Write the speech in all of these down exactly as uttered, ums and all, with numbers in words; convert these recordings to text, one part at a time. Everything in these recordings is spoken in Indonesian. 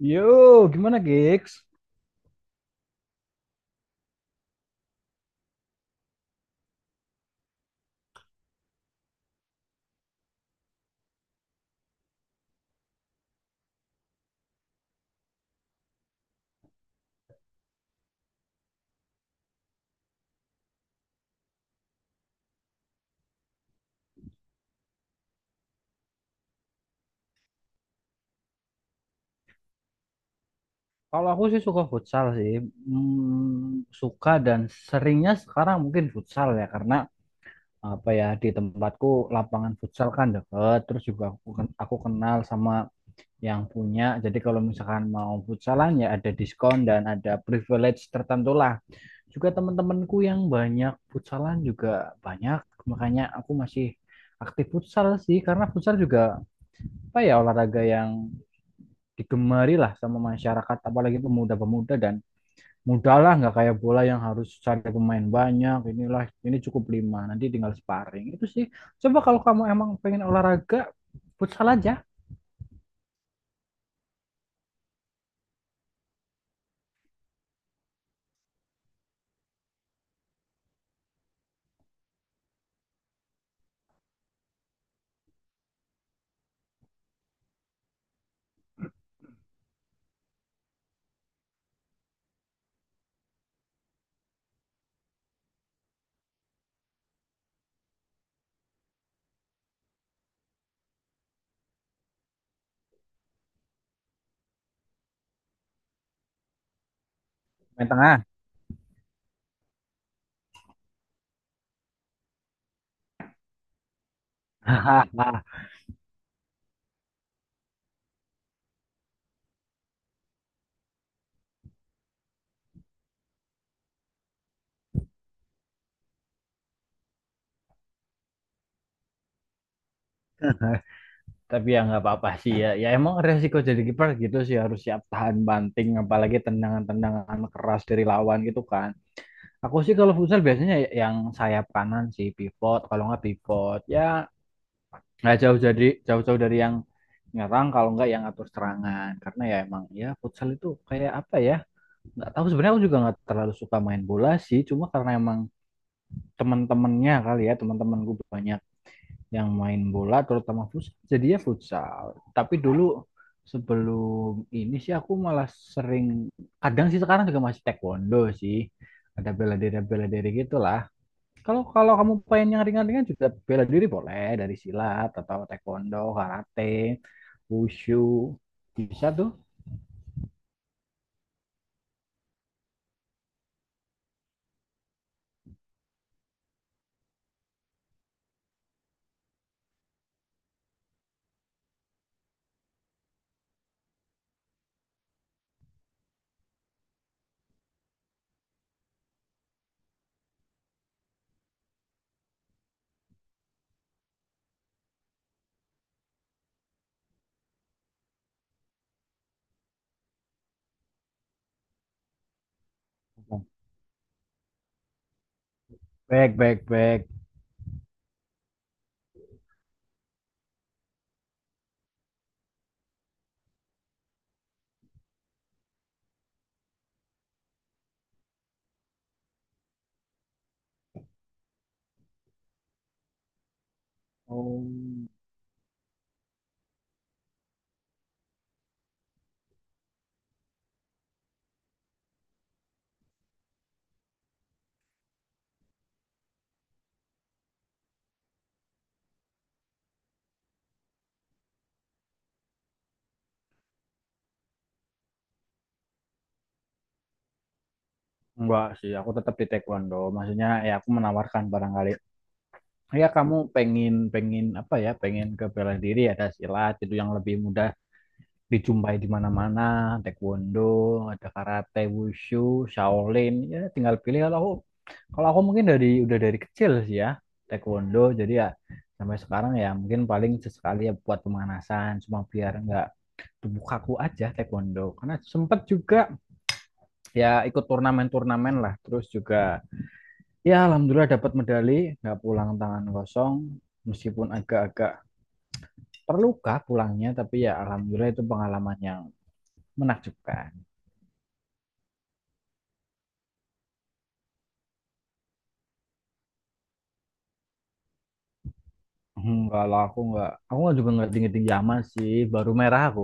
Yo, gimana gigs? Kalau aku sih suka futsal sih. Hmm, suka dan seringnya sekarang mungkin futsal, ya karena apa ya di tempatku lapangan futsal kan deket. Terus juga aku, ken- aku kenal sama yang punya. Jadi kalau misalkan mau futsalan ya ada diskon dan ada privilege tertentu lah. Juga teman-temanku yang banyak futsalan juga banyak, makanya aku masih aktif futsal sih karena futsal juga apa ya olahraga yang digemari lah sama masyarakat, apalagi pemuda-pemuda, dan mudah lah, nggak kayak bola yang harus cari pemain banyak, inilah ini cukup lima nanti tinggal sparring itu sih. Coba kalau kamu emang pengen olahraga, futsal aja. Main tengah. Hahaha. Tapi ya nggak apa-apa sih, ya ya emang resiko jadi kiper gitu sih, harus siap tahan banting apalagi tendangan-tendangan keras dari lawan gitu kan. Aku sih kalau futsal biasanya yang sayap kanan sih, pivot. Kalau nggak pivot ya nggak jauh, jadi jauh-jauh dari yang nyerang, kalau nggak yang atur serangan, karena ya emang ya futsal itu kayak apa ya. Nggak tahu sebenarnya, aku juga nggak terlalu suka main bola sih, cuma karena emang teman-temannya kali ya, teman teman gue banyak yang main bola terutama futsal, jadi ya futsal. Tapi dulu sebelum ini sih aku malah sering, kadang sih sekarang juga masih taekwondo sih, ada bela diri bela diri gitulah. Kalau kalau kamu pengen yang ringan-ringan juga bela diri boleh, dari silat atau taekwondo, karate, wushu. Bisa tuh. Baik, baik, baik. Oh, enggak sih, aku tetap di taekwondo. Maksudnya ya aku menawarkan barangkali. Ya kamu pengen pengen apa ya? Pengen ke bela diri, ada silat itu yang lebih mudah dijumpai di mana-mana. Taekwondo, ada karate, wushu, Shaolin. Ya tinggal pilih. Kalau aku Kalau aku mungkin dari udah dari kecil sih ya taekwondo, jadi ya sampai sekarang ya mungkin paling sesekali ya buat pemanasan, cuma biar nggak tubuh kaku aja, taekwondo karena sempet juga ya ikut turnamen-turnamen lah, terus juga ya alhamdulillah dapat medali, nggak pulang tangan kosong, meskipun agak-agak terluka pulangnya, tapi ya alhamdulillah itu pengalaman yang menakjubkan. Hmm, kalau aku nggak, aku juga nggak tinggi-tinggi amat sih, baru merah aku.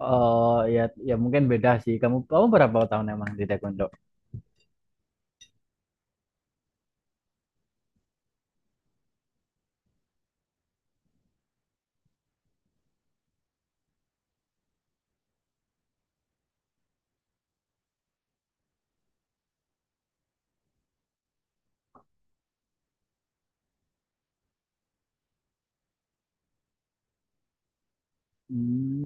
Oh ya, ya mungkin beda sih. Kamu kamu berapa tahun emang di taekwondo? Hmm,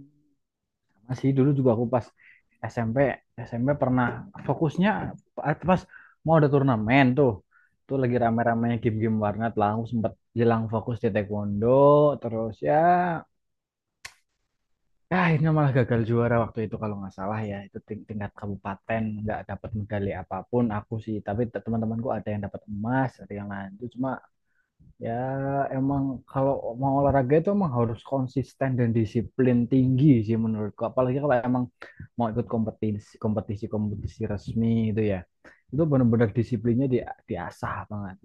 Masih dulu juga aku pas S M P, S M P pernah fokusnya pas mau ada turnamen tuh. Tuh lagi rame-ramenya game-game warnet lah. Aku sempat jelang fokus di taekwondo, terus ya ya akhirnya malah gagal juara waktu itu kalau nggak salah, ya itu ting- tingkat kabupaten, nggak dapat medali apapun aku sih, tapi te- teman-temanku ada yang dapat emas, ada yang lanjut, cuma ya, emang kalau mau olahraga itu emang harus konsisten dan disiplin tinggi sih menurutku. Apalagi kalau emang mau ikut kompetisi, kompetisi-kompetisi resmi itu ya. Itu benar-benar disiplinnya di, diasah banget.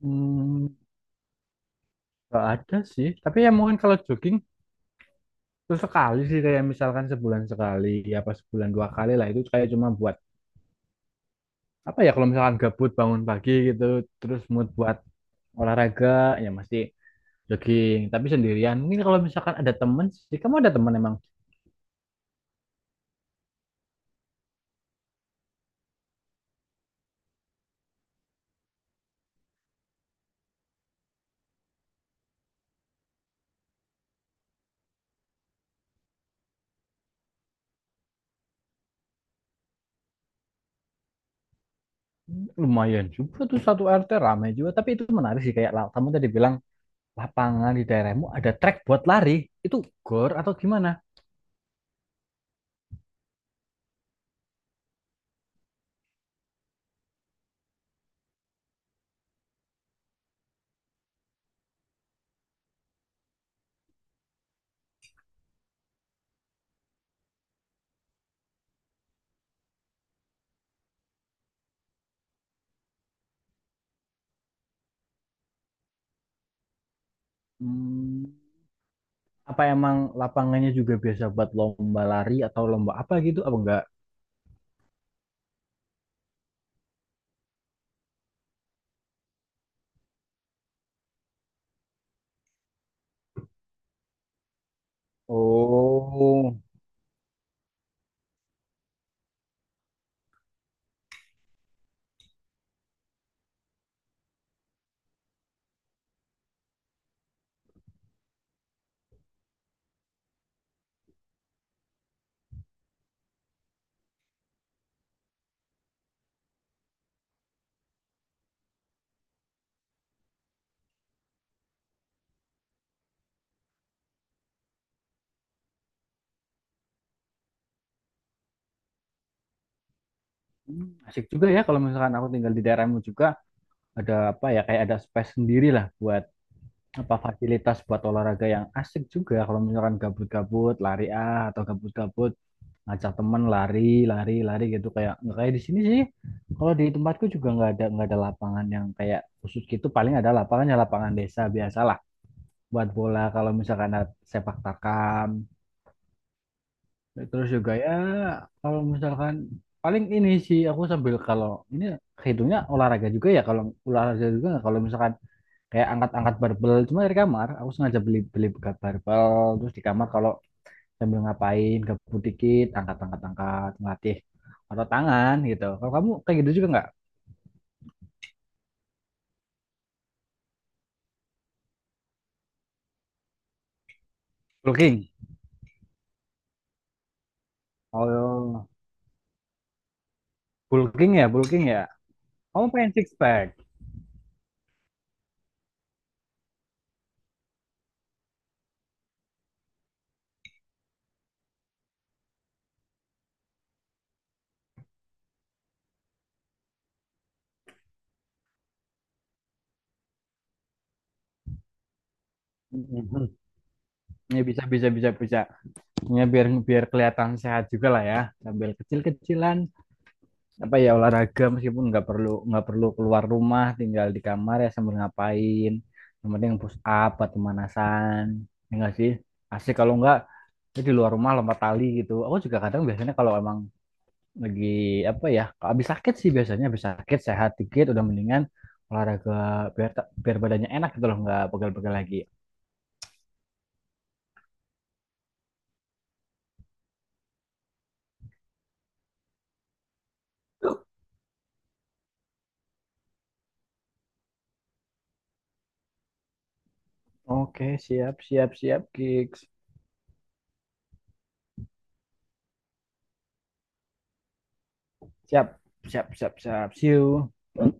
Hmm, gak ada sih. Tapi ya mungkin kalau jogging itu sekali sih, kayak misalkan sebulan sekali, ya apa sebulan dua kali lah, itu kayak cuma buat apa ya, kalau misalkan gabut bangun pagi gitu, terus mood buat olahraga, ya mesti jogging, tapi sendirian. Mungkin kalau misalkan ada temen sih, kamu ada temen emang lumayan juga tuh, satu R T ramai juga, tapi itu menarik sih, kayak la- kamu tadi bilang lapangan di daerahmu ada track buat lari, itu gor atau gimana? Hmm, Apa emang lapangannya juga biasa buat lomba lari atau lomba apa gitu apa enggak? Oh. Hmm, asik juga ya kalau misalkan aku tinggal di daerahmu juga, ada apa ya, kayak ada space sendiri lah buat apa fasilitas buat olahraga, yang asik juga kalau misalkan gabut-gabut lari ah, atau gabut-gabut ngajak temen lari lari lari gitu, kayak nggak kayak di sini sih. Kalau di tempatku juga nggak ada, nggak ada lapangan yang kayak khusus gitu, paling ada lapangannya lapangan desa biasalah buat bola kalau misalkan ada sepak takam, terus juga ya kalau misalkan paling ini sih aku, sambil kalau ini hitungnya olahraga juga ya, kalau olahraga juga nggak, kalau misalkan kayak angkat-angkat barbel, cuma dari kamar aku sengaja beli beli bekas barbel terus di kamar, kalau sambil ngapain gabut dikit angkat-angkat angkat ngelatih atau tangan gitu. Kalau kamu kayak gitu juga nggak? Bulking. Oh iya. Bulking ya, bulking ya, kamu pengen six pack? Mhm. Ya bisa bisa bisa bisa, ya biar biar kelihatan sehat juga lah ya, sambil kecil-kecilan apa ya olahraga, meskipun nggak perlu nggak perlu keluar rumah, tinggal di kamar ya sambil ngapain, yang penting push up buat pemanasan, ya nggak sih asik, kalau nggak ya di luar rumah, lompat tali gitu. Aku juga kadang biasanya kalau emang lagi apa ya, kalau habis sakit sih biasanya, habis sakit sehat dikit udah mendingan, olahraga biar ta- biar badannya enak gitu loh, nggak pegal-pegal lagi. Oke, siap siap siap gigs. Siap siap siap siap, see you.